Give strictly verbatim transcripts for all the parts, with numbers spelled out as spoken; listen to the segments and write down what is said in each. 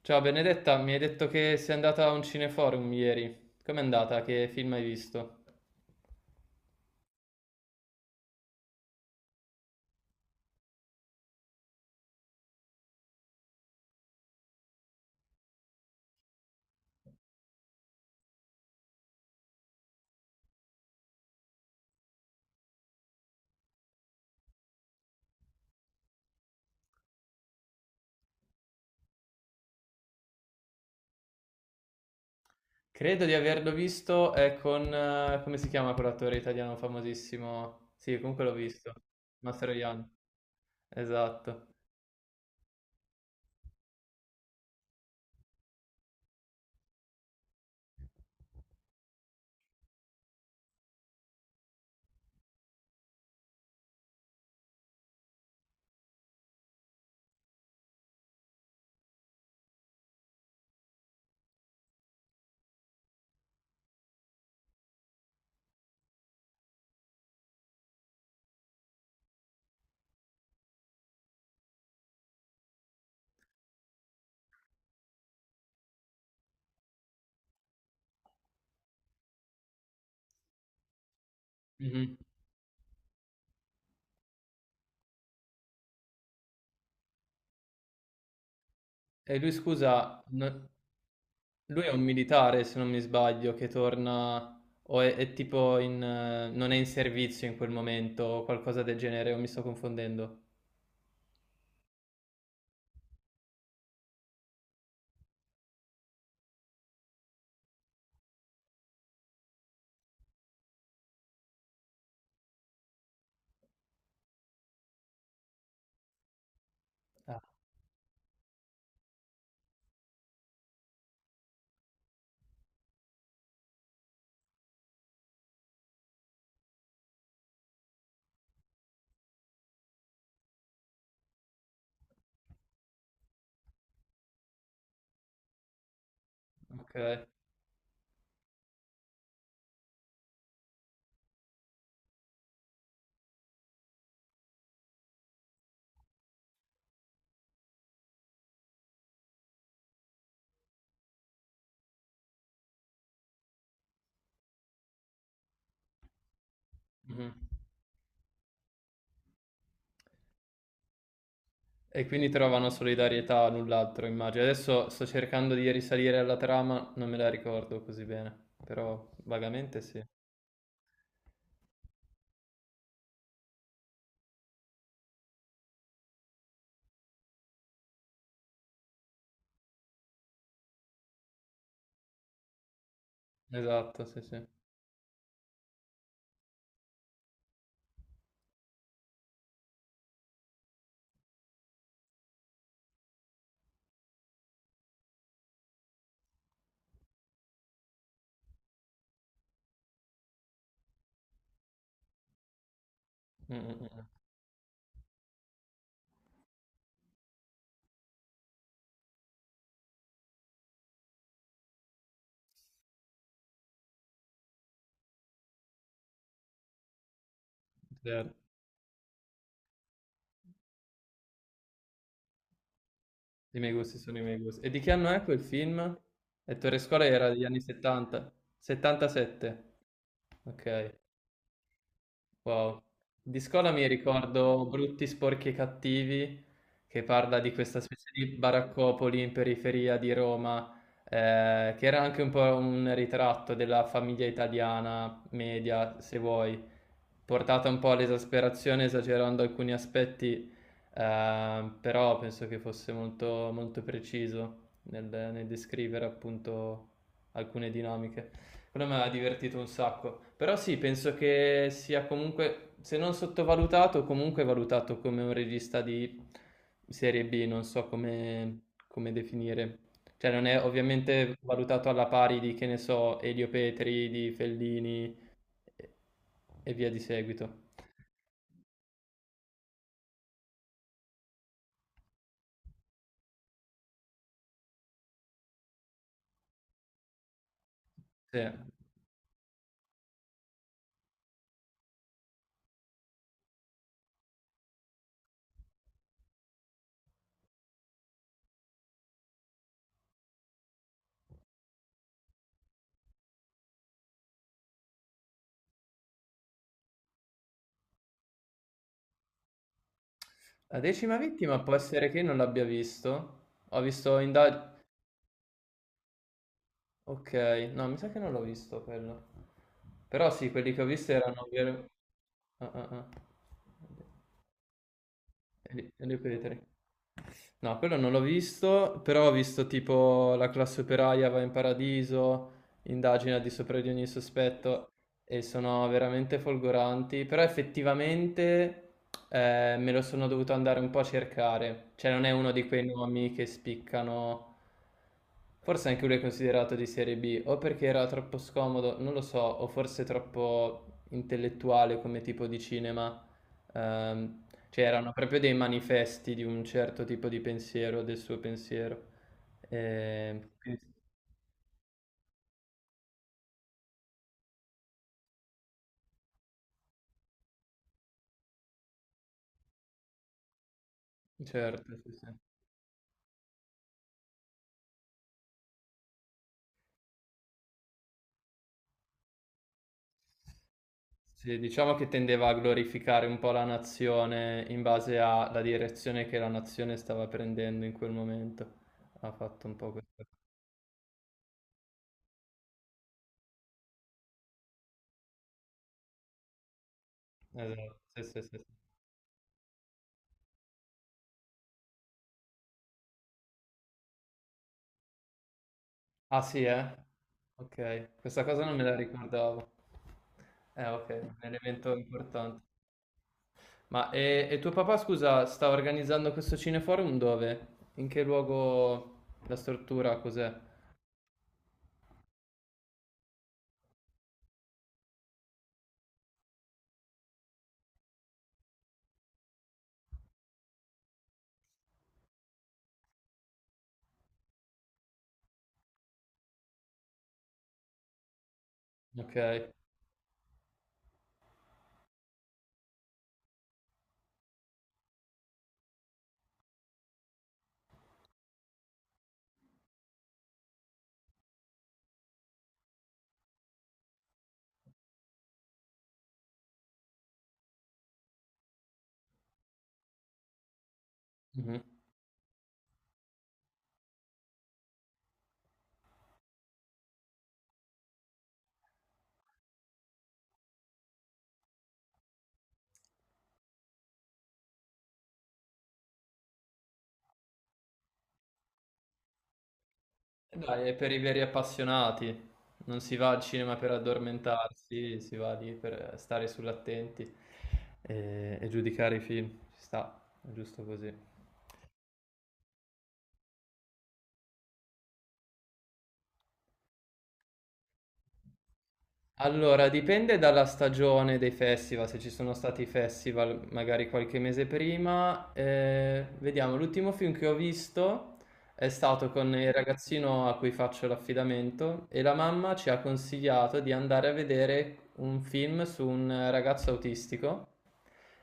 Ciao Benedetta, mi hai detto che sei andata a un cineforum ieri. Com'è andata? Che film hai visto? Credo di averlo visto, è con... eh, come si chiama quell'attore italiano famosissimo? Sì, comunque l'ho visto. Mastroianni. Esatto. Mhm. E lui, scusa, no- lui è un militare, se non mi sbaglio, che torna o è, è tipo in... eh, non è in servizio in quel momento o qualcosa del genere, o mi sto confondendo? Ah, ok. Mhm. E quindi trovano solidarietà a null'altro, immagino. Adesso sto cercando di risalire alla trama, non me la ricordo così bene, però vagamente sì. Esatto, sì, sì. Mm, mm, mm. Certo. I miei gusti sono i miei gusti. E di che anno è quel film? E Torre Scuola era degli anni settanta? settantasette. Ok. Wow. Di Scuola mi ricordo Brutti, Sporchi e Cattivi, che parla di questa specie di baraccopoli in periferia di Roma, eh, che era anche un po' un ritratto della famiglia italiana media, se vuoi portata un po' all'esasperazione esagerando alcuni aspetti, eh, però penso che fosse molto, molto preciso nel, nel descrivere appunto alcune dinamiche. Quello mi ha divertito un sacco, però sì, penso che sia comunque, se non sottovalutato, comunque valutato come un regista di serie B, non so come, come definire. Cioè non è ovviamente valutato alla pari di, che ne so, Elio Petri, di Fellini, e e via di seguito. Sì. La decima vittima può essere che io non l'abbia visto. Ho visto inda okay, no mi sa che non l'ho visto quello. Però sì, quelli che ho visto erano vero ah, ah, ah. E li e li ho No, quello non l'ho visto, però ho visto tipo La classe operaia va in paradiso, Indagine al di sopra di ogni sospetto e sono veramente folgoranti, però effettivamente eh, me lo sono dovuto andare un po' a cercare, cioè non è uno di quei nomi che spiccano, forse anche lui è considerato di serie B, o perché era troppo scomodo, non lo so, o forse troppo intellettuale come tipo di cinema. Ehm, c'erano proprio dei manifesti di un certo tipo di pensiero, del suo pensiero. Ehm, quindi- certo, sì, sì. Sì, diciamo che tendeva a glorificare un po' la nazione in base alla direzione che la nazione stava prendendo in quel momento. Ha fatto un po' questo. Esatto, sì, sì, sì, sì. Ah sì, eh? Ok, questa cosa non me la ricordavo. Eh, ok, un elemento importante. Ma e, e tuo papà, scusa, sta organizzando questo cineforum dove? In che luogo? La struttura cos'è? Ok. Mhm. Dai, è per i veri appassionati. Non si va al cinema per addormentarsi, si va lì per stare sull'attenti e, e giudicare i film. Ci sta, è giusto così. Allora, dipende dalla stagione dei festival, se ci sono stati i festival magari qualche mese prima. Eh, vediamo, l'ultimo film che ho visto è stato con il ragazzino a cui faccio l'affidamento e la mamma ci ha consigliato di andare a vedere un film su un ragazzo autistico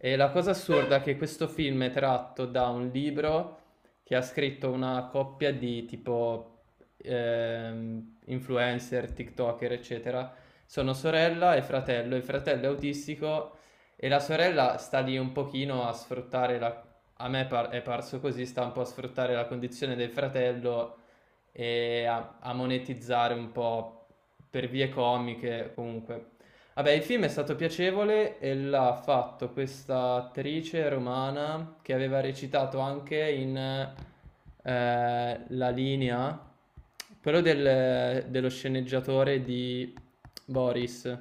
e la cosa assurda è che questo film è tratto da un libro che ha scritto una coppia di tipo ehm, influencer, TikToker, eccetera. Sono sorella e fratello, il fratello è autistico e la sorella sta lì un pochino a sfruttare la... A me par- è parso così, sta un po' a sfruttare la condizione del fratello e a, a monetizzare un po' per vie comiche comunque. Vabbè, il film è stato piacevole e l'ha fatto questa attrice romana che aveva recitato anche in eh, La linea, quello del- dello sceneggiatore di Boris.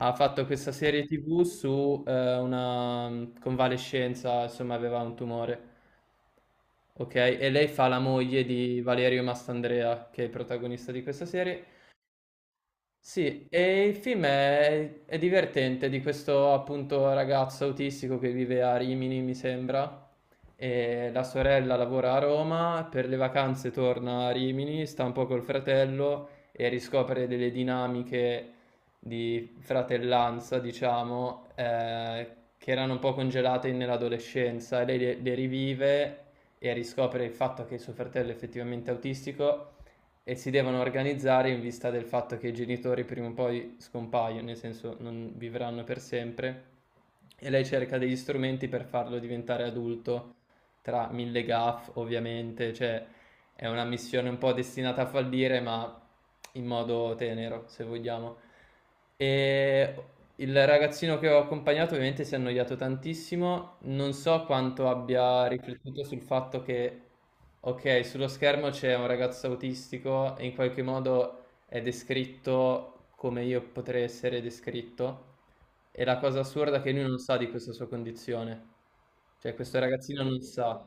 Ha fatto questa serie T V su eh, una convalescenza, insomma, aveva un tumore. Ok, e lei fa la moglie di Valerio Mastandrea, che è il protagonista di questa serie, sì, e il film è, è divertente di questo appunto ragazzo autistico che vive a Rimini, mi sembra, e la sorella lavora a Roma, per le vacanze torna a Rimini, sta un po' col fratello e riscopre delle dinamiche di fratellanza, diciamo, eh, che erano un po' congelate nell'adolescenza, e lei le le rivive e riscopre il fatto che suo fratello è effettivamente autistico e si devono organizzare in vista del fatto che i genitori prima o poi scompaiono, nel senso non vivranno per sempre. E lei cerca degli strumenti per farlo diventare adulto, tra mille gaff ovviamente, cioè è una missione un po' destinata a fallire, ma in modo tenero, se vogliamo. E il ragazzino che ho accompagnato ovviamente si è annoiato tantissimo, non so quanto abbia riflettuto sul fatto che ok, sullo schermo c'è un ragazzo autistico e in qualche modo è descritto come io potrei essere descritto. E la cosa assurda è che lui non sa di questa sua condizione. Cioè, questo ragazzino non sa.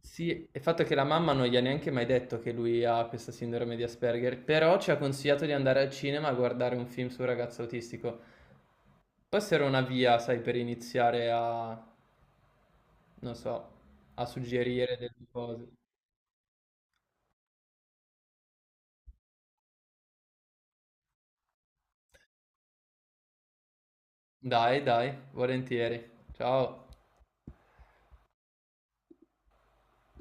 Sì, il fatto è che la mamma non gli ha neanche mai detto che lui ha questa sindrome di Asperger, però ci ha consigliato di andare al cinema a guardare un film sul ragazzo autistico. Può essere una via, sai, per iniziare a, non so, a suggerire delle cose. Dai, dai, volentieri. Ciao.